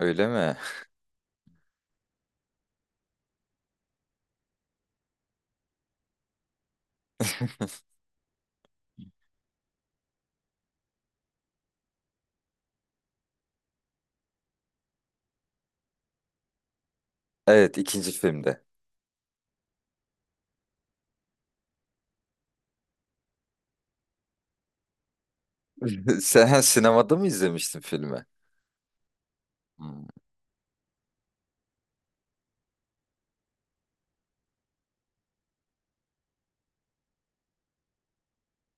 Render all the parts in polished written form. Öyle mi? Evet, ikinci filmde. Sen sinemada mı izlemiştin filmi? Hmm.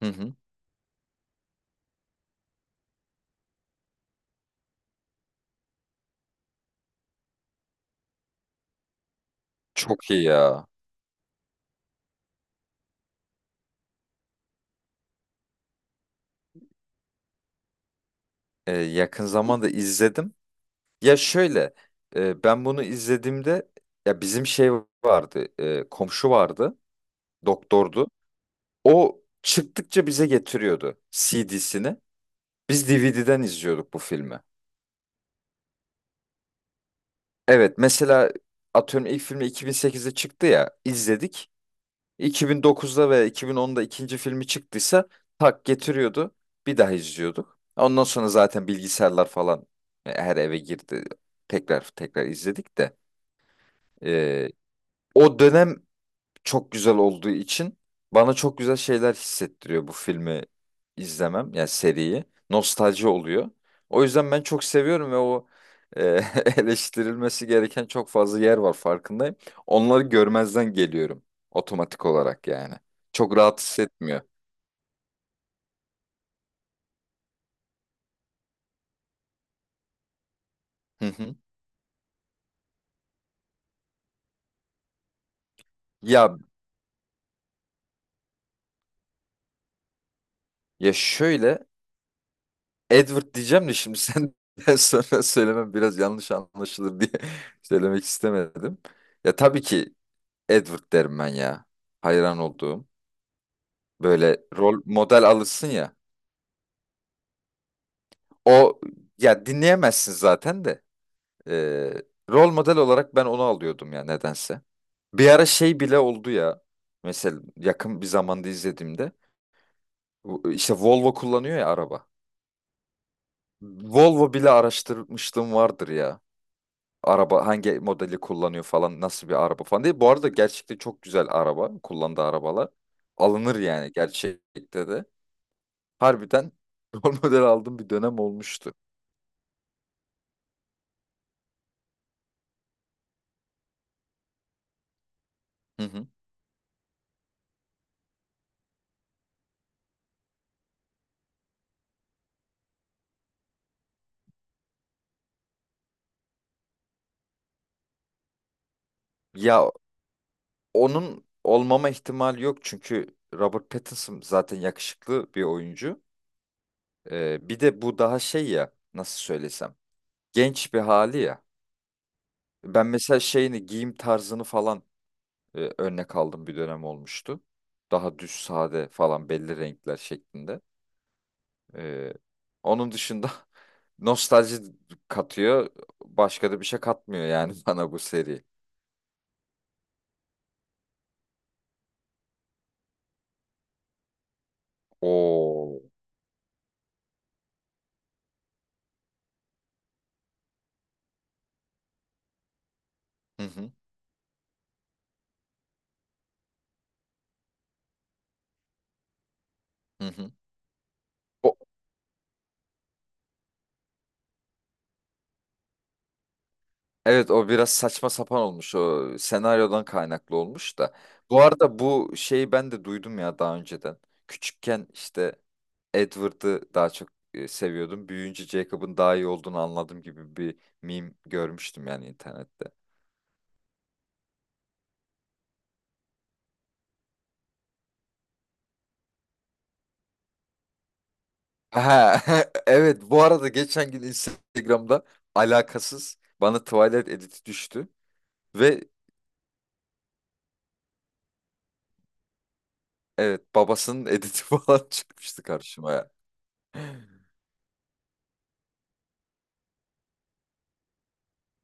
Hı hı. Çok iyi ya. Yakın zamanda izledim. Ya şöyle, ben bunu izlediğimde ya bizim şey vardı, komşu vardı, doktordu. O çıktıkça bize getiriyordu CD'sini. Biz DVD'den izliyorduk bu filmi. Evet, mesela atıyorum ilk filmi 2008'de çıktı ya, izledik. 2009'da ve 2010'da ikinci filmi çıktıysa tak getiriyordu. Bir daha izliyorduk. Ondan sonra zaten bilgisayarlar falan her eve girdi. Tekrar tekrar izledik de. Ee, O dönem çok güzel olduğu için bana çok güzel şeyler hissettiriyor bu filmi izlemem yani seriyi. Nostalji oluyor. O yüzden ben çok seviyorum ve e, eleştirilmesi gereken çok fazla yer var farkındayım. Onları görmezden geliyorum otomatik olarak yani. Çok rahat hissetmiyor. Hı hı. Ya ya şöyle Edward diyeceğim de şimdi senden sonra söylemem biraz yanlış anlaşılır diye söylemek istemedim. Ya tabii ki Edward derim ben ya. Hayran olduğum. Böyle rol model alırsın ya. O ya dinleyemezsin zaten de. Ee, Rol model olarak ben onu alıyordum ya nedense. Bir ara şey bile oldu ya. Mesela yakın bir zamanda izlediğimde işte Volvo kullanıyor ya araba. Volvo bile araştırmışlığım vardır ya. Araba hangi modeli kullanıyor falan nasıl bir araba falan diye. Bu arada gerçekten çok güzel araba. Kullandığı arabalar. Alınır yani gerçekte de. Harbiden rol model aldığım bir dönem olmuştu. Hı hı. Ya onun olmama ihtimali yok çünkü Robert Pattinson zaten yakışıklı bir oyuncu. Bir de bu daha şey ya nasıl söylesem genç bir hali ya. Ben mesela şeyini giyim tarzını falan örnek aldım bir dönem olmuştu. Daha düz sade falan belli renkler şeklinde. Ee, Onun dışında nostalji katıyor. Başka da bir şey katmıyor yani bana bu seri. Oo. Hı hı. Hı hı. O, evet o biraz saçma sapan olmuş o senaryodan kaynaklı olmuş da. Bu arada bu şeyi ben de duydum ya daha önceden. Küçükken işte Edward'ı daha çok seviyordum. Büyüyünce Jacob'ın daha iyi olduğunu anladım gibi bir meme görmüştüm yani internette. Ha, evet bu arada geçen gün Instagram'da alakasız bana Twilight editi düştü ve evet babasının editi falan çıkmıştı karşıma ya.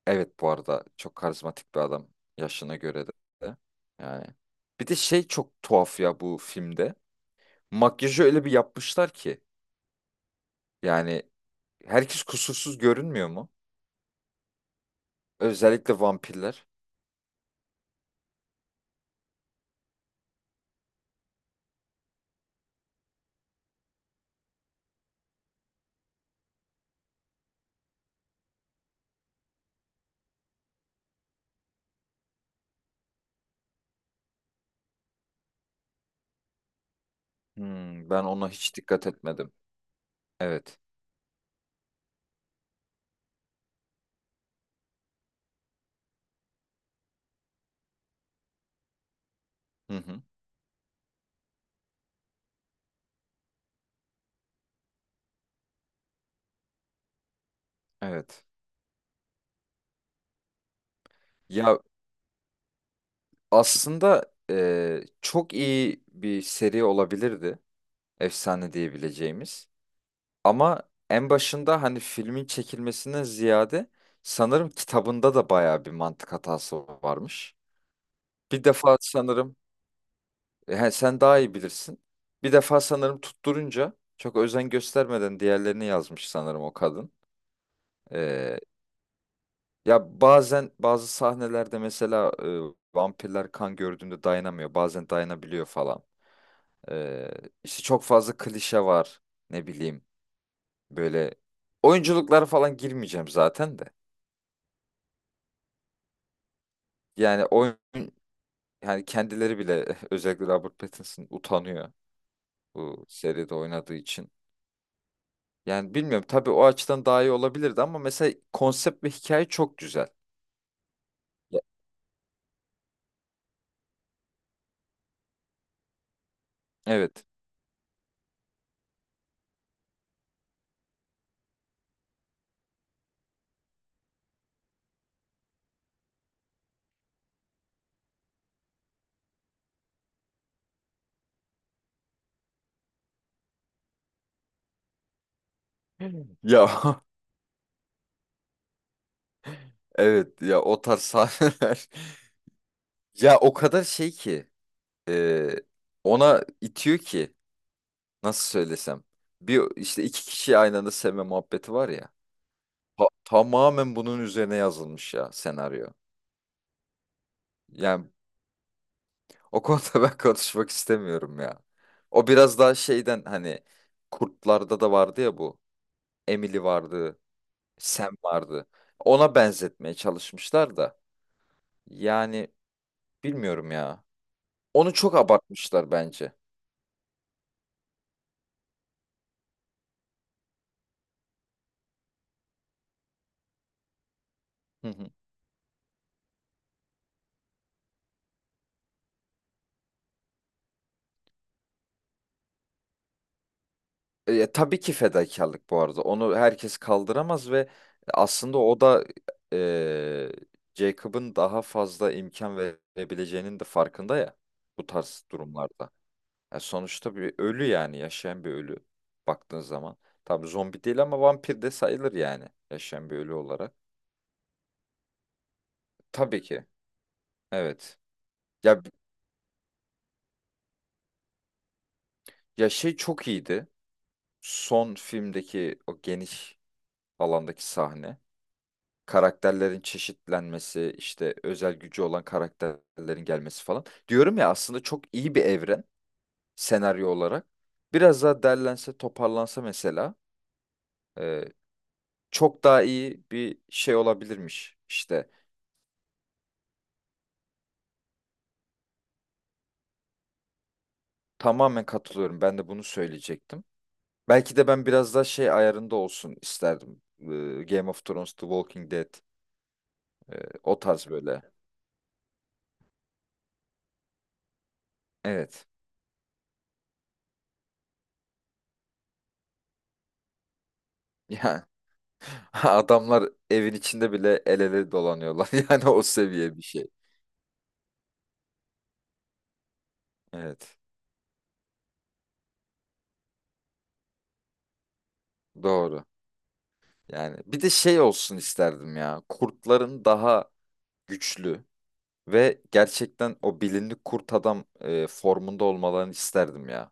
Evet bu arada çok karizmatik bir adam yaşına göre de. Yani bir de şey çok tuhaf ya bu filmde. Makyajı öyle bir yapmışlar ki yani herkes kusursuz görünmüyor mu? Özellikle vampirler. Hmm, ben ona hiç dikkat etmedim. Evet. Hı hı. Evet. Ya aslında çok iyi bir seri olabilirdi. Efsane diyebileceğimiz. Ama en başında hani filmin çekilmesinden ziyade sanırım kitabında da bayağı bir mantık hatası varmış. Bir defa sanırım sen daha iyi bilirsin. Bir defa sanırım tutturunca çok özen göstermeden diğerlerini yazmış sanırım o kadın. Ee, Ya bazen bazı sahnelerde mesela vampirler kan gördüğünde dayanamıyor. Bazen dayanabiliyor falan. Ee, işte çok fazla klişe var. Ne bileyim böyle oyunculuklara falan girmeyeceğim zaten de. Yani yani kendileri bile özellikle Robert Pattinson utanıyor bu seride oynadığı için. Yani bilmiyorum tabii o açıdan daha iyi olabilirdi ama mesela konsept ve hikaye çok güzel. Ya- Evet. Ya evet ya o tarz sahneler. Ya o kadar şey ki e, ona itiyor ki nasıl söylesem. Bir işte iki kişi aynı anda sevme muhabbeti var ya. Tamamen bunun üzerine yazılmış ya senaryo. Yani o konuda ben konuşmak istemiyorum ya. O biraz daha şeyden hani Kurtlarda da vardı ya bu. Emily vardı, Sam vardı. Ona benzetmeye çalışmışlar da. Yani bilmiyorum ya. Onu çok abartmışlar bence. Hı hı. Tabii ki fedakarlık bu arada. Onu herkes kaldıramaz ve aslında o da e, Jacob'ın daha fazla imkan verebileceğinin de farkında ya bu tarz durumlarda. Ya sonuçta bir ölü yani yaşayan bir ölü baktığın zaman. Tabii zombi değil ama vampir de sayılır yani yaşayan bir ölü olarak. Tabii ki. Evet. Ya ya şey çok iyiydi. Son filmdeki o geniş alandaki sahne. Karakterlerin çeşitlenmesi, işte özel gücü olan karakterlerin gelmesi falan. Diyorum ya aslında çok iyi bir evren senaryo olarak. Biraz daha derlense, toparlansa mesela e, çok daha iyi bir şey olabilirmiş. İşte tamamen katılıyorum. Ben de bunu söyleyecektim. Belki de ben biraz daha şey ayarında olsun isterdim. Game of Thrones, The Walking Dead, e, o tarz böyle. Evet. Yani adamlar evin içinde bile el ele dolanıyorlar. Yani o seviye bir şey. Evet. Doğru. Yani bir de şey olsun isterdim ya. Kurtların daha güçlü ve gerçekten o bilinli kurt adam formunda olmalarını isterdim ya.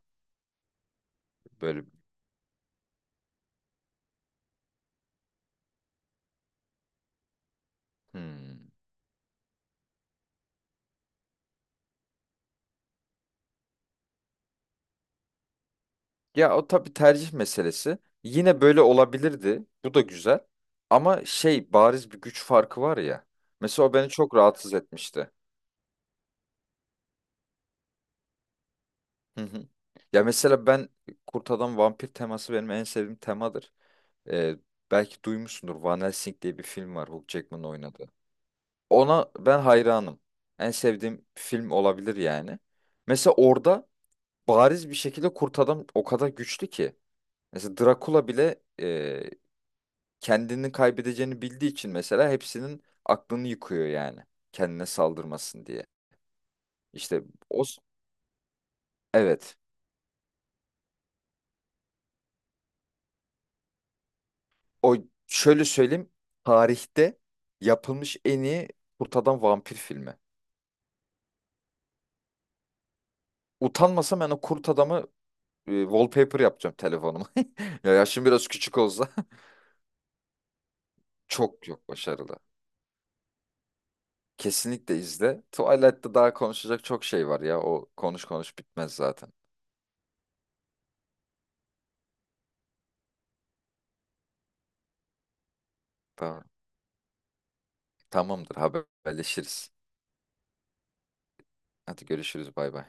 Böyle. Hmm. Ya o tabii tercih meselesi. Yine böyle olabilirdi. Bu da güzel. Ama şey bariz bir güç farkı var ya. Mesela o beni çok rahatsız etmişti. Hı hı. Ya mesela ben Kurt Adam Vampir teması benim en sevdiğim temadır. Ee, Belki duymuşsundur. Van Helsing diye bir film var Hugh Jackman'ın oynadığı. Ona ben hayranım. En sevdiğim film olabilir yani. Mesela orada bariz bir şekilde Kurt Adam o kadar güçlü ki. Mesela Drakula bile kendini kaybedeceğini bildiği için mesela hepsinin aklını yıkıyor yani. Kendine saldırmasın diye. İşte o evet. O şöyle söyleyeyim. Tarihte yapılmış en iyi kurt adam vampir filmi. Utanmasam ben o kurt adamı wallpaper yapacağım telefonuma. Ya yaşım biraz küçük olsa çok yok başarılı. Kesinlikle izle. Twilight'ta daha konuşacak çok şey var ya. O konuş konuş bitmez zaten. Tamam. Tamamdır haberleşiriz. Hadi görüşürüz bay bay.